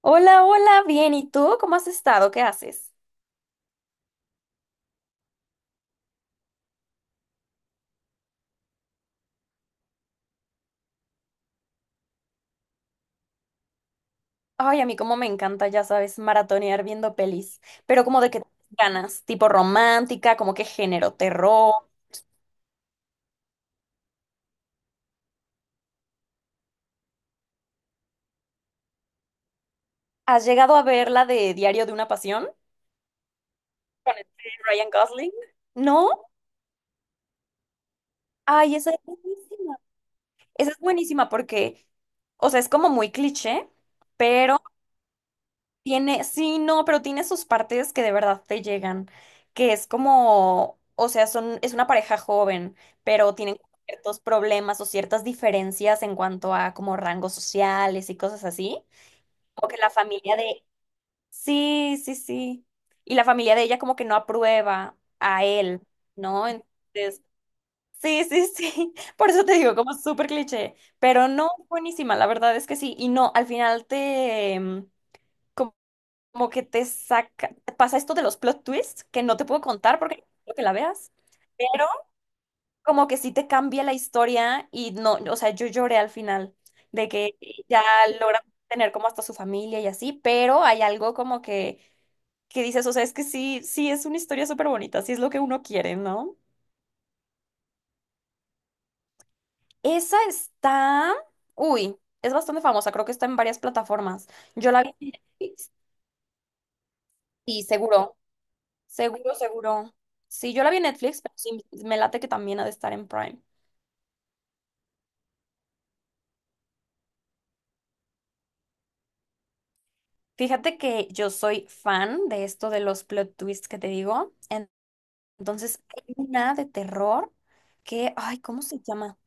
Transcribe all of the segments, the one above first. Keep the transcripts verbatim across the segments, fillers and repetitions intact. Hola, hola, bien. ¿Y tú? ¿Cómo has estado? ¿Qué haces? Ay, a mí como me encanta, ya sabes, maratonear viendo pelis. Pero como de qué ganas, tipo romántica, como qué género, terror. ¿Has llegado a ver la de Diario de una Pasión con este Ryan Gosling? ¿No? Ay, esa es buenísima. Esa es buenísima porque, o sea, es como muy cliché, pero tiene, sí, no, pero tiene sus partes que de verdad te llegan, que es como, o sea, son, es una pareja joven, pero tienen ciertos problemas o ciertas diferencias en cuanto a como rangos sociales y cosas así. Como que la familia de... Sí, sí, sí. Y la familia de ella como que no aprueba a él, ¿no? Entonces, sí, sí, sí. Por eso te digo, como súper cliché, pero no, buenísima, la verdad es que sí. Y no, al final te como que te saca, pasa esto de los plot twists que no te puedo contar porque no quiero que la veas, pero como que sí te cambia la historia y no, o sea, yo lloré al final de que ya logran tener como hasta su familia y así, pero hay algo como que que dices, o sea, es que sí, sí es una historia súper bonita, sí es lo que uno quiere, ¿no? Esa está, uy, es bastante famosa, creo que está en varias plataformas. Yo la vi en Netflix y seguro. Seguro, seguro. Sí, yo la vi en Netflix, pero sí, me late que también ha de estar en Prime. Fíjate que yo soy fan de esto de los plot twists que te digo. En- Entonces, hay una de terror que, ay, ¿cómo se llama?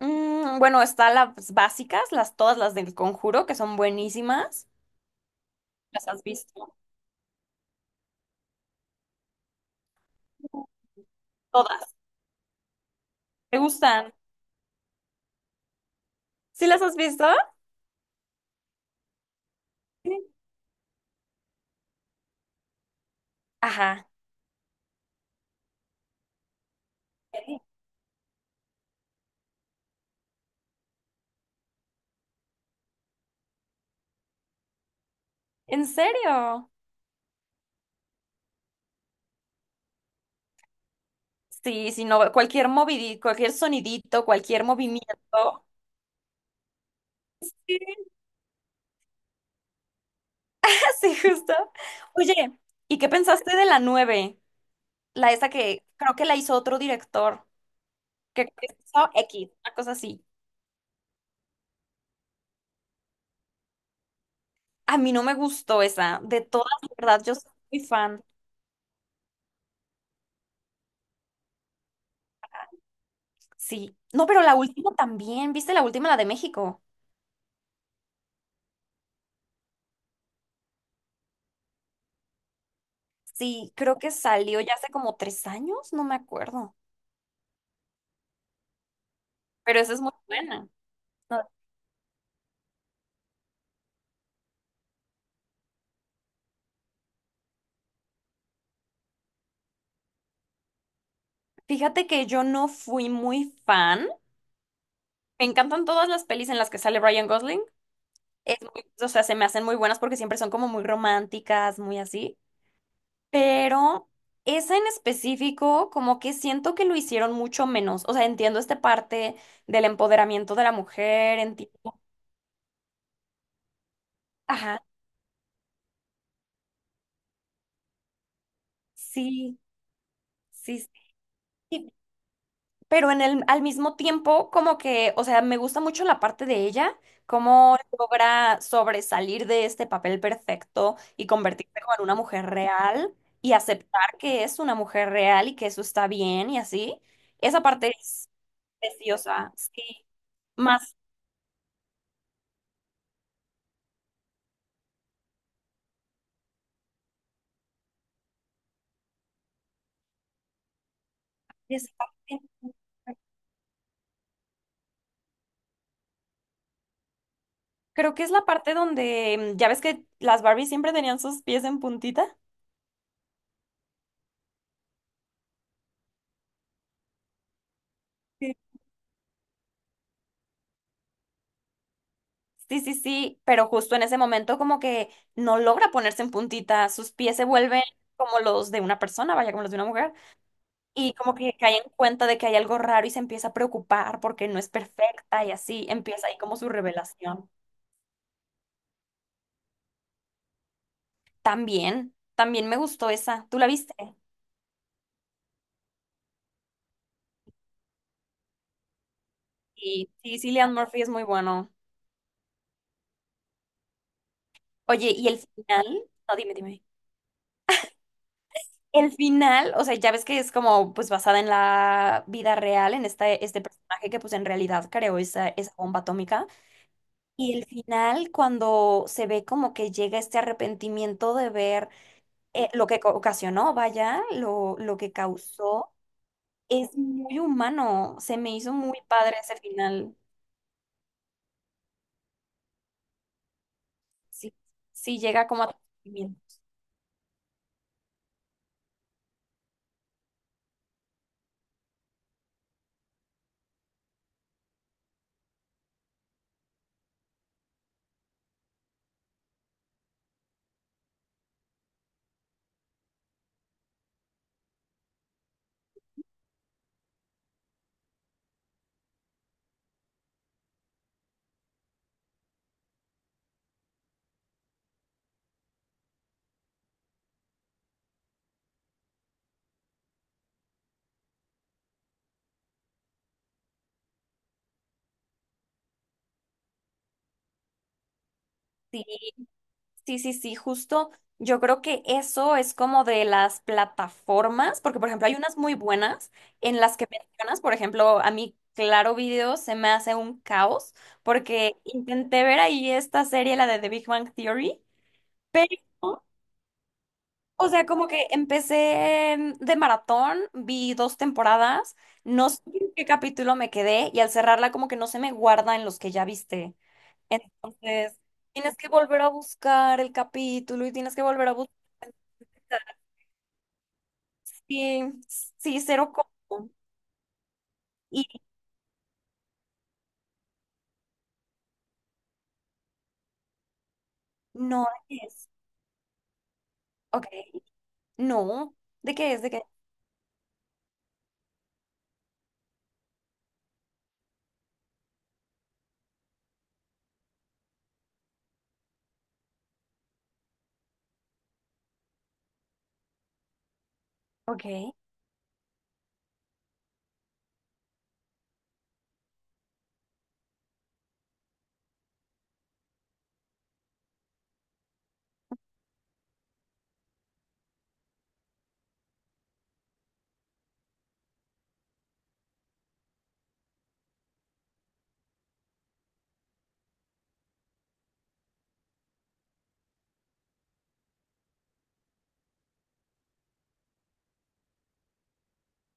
Mm, bueno, están las básicas, las todas las del Conjuro, que son buenísimas. ¿Las has visto? Todas. ¿Te gustan? ¿Sí las has visto? Sí. Ajá. ¿En serio? Sí, sí, no, cualquier movidito, cualquier sonidito, cualquier movimiento. Sí, justo. Oye, ¿y qué pensaste de la nueve la esa que creo que la hizo otro director, que hizo X, una cosa así. A mí no me gustó esa, de todas, la verdad, yo soy muy fan. Sí. No, pero la última también, ¿viste la última, la de México? Sí, creo que salió ya hace como tres años, no me acuerdo, pero esa es muy buena. No, fíjate que yo no fui muy fan. Me encantan todas las pelis en las que sale Ryan Gosling. Es muy- o sea, se me hacen muy buenas porque siempre son como muy románticas, muy así. Pero esa en específico, como que siento que lo hicieron mucho menos. O sea, entiendo esta parte del empoderamiento de la mujer, entiendo. Ajá, sí, sí, sí. Pero en el, al mismo tiempo, como que, o sea, me gusta mucho la parte de ella, cómo logra sobresalir de este papel perfecto y convertirse como en una mujer real y aceptar que es una mujer real y que eso está bien y así. Esa parte es preciosa, sí. Más esa parte, creo que es la parte donde, mm, ya ves que las Barbies siempre tenían sus pies en puntita. Sí, sí, sí, pero justo en ese momento como que no logra ponerse en puntita, sus pies se vuelven como los de una persona, vaya, como los de una mujer, y como que cae en cuenta de que hay algo raro y se empieza a preocupar porque no es perfecta y así empieza ahí como su revelación. También, también me gustó esa, ¿tú la viste? Sí, sí, sí, Cillian Murphy es muy bueno. Oye, ¿y el final? No, dime, dime. El final, o sea, ya ves que es como pues basada en la vida real, en este, este personaje que pues en realidad creó esa, esa bomba atómica. Y el final, cuando se ve como que llega este arrepentimiento de ver eh, lo que co- ocasionó, vaya, lo, lo que causó, es muy humano. Se me hizo muy padre ese final. Sí, sí llega como arrepentimiento. Sí, sí, sí, sí, justo. Yo creo que eso es como de las plataformas, porque por ejemplo hay unas muy buenas en las que mencionas, por ejemplo, a mí Claro Video se me hace un caos, porque intenté ver ahí esta serie, la de The Big Bang Theory. No, o sea, como que empecé en- de maratón, vi dos temporadas, no sé en qué capítulo me quedé y al cerrarla como que no se me guarda en los que ya viste. Entonces, tienes que volver a buscar el capítulo y tienes que volver a buscar. Sí, sí, cero como. Y no, ¿de qué es? Ok, no, ¿de qué es? ¿De qué? Ok.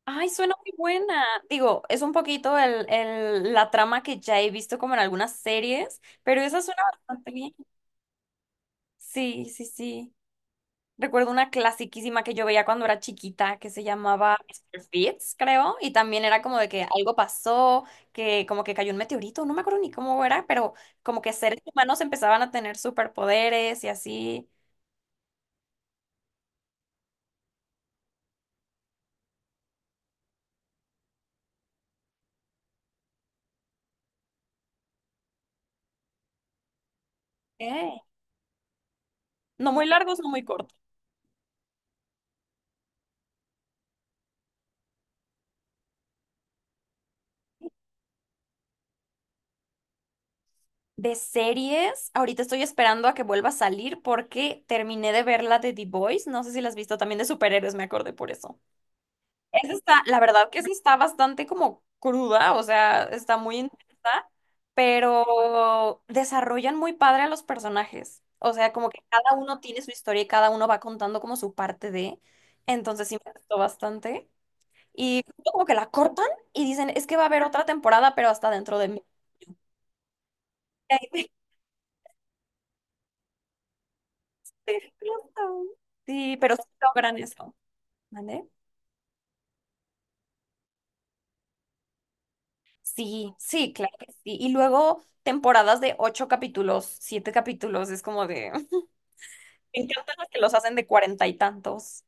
Ay, suena muy buena. Digo, es un poquito el, el- la trama que ya he visto como en algunas series, pero esa suena bastante bien. Sí, sí, sí. Recuerdo una clasiquísima que yo veía cuando era chiquita que se llamaba Mister Fitz, creo, y también era como de que algo pasó, que como que cayó un meteorito, no me acuerdo ni cómo era, pero como que seres humanos empezaban a tener superpoderes y así. ¿Qué? No muy largos, no muy cortos. De series, ahorita estoy esperando a que vuelva a salir porque terminé de ver la de The Boys, no sé si la has visto, también de superhéroes, me acordé por eso. Esa está, la verdad que esa está bastante como cruda, o sea, está muy intensa, pero desarrollan muy padre a los personajes. O sea, como que cada uno tiene su historia y cada uno va contando como su parte de. Entonces sí me gustó bastante. Y justo como que la cortan y dicen, es que va a haber otra temporada, pero hasta dentro de mí. Y ahí me quedé, "What". Sí, pero sí logran eso. ¿Vale? Sí, sí, claro que sí. Y luego temporadas de ocho capítulos, siete capítulos, es como de... Me encantan los que los hacen de cuarenta y tantos.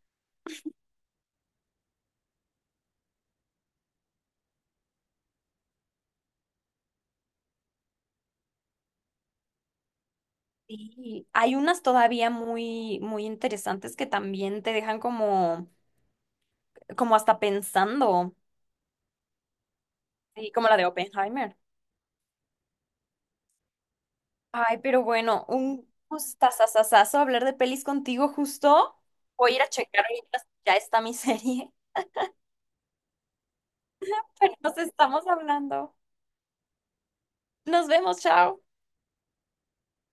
Sí, hay unas todavía muy, muy interesantes que también te dejan como, como hasta pensando, sí, como la de Oppenheimer. Ay, pero bueno, un gustazazazazo hablar de pelis contigo justo. Voy a ir a checar ahorita si ya está mi serie. Pero nos estamos hablando. Nos vemos, chao.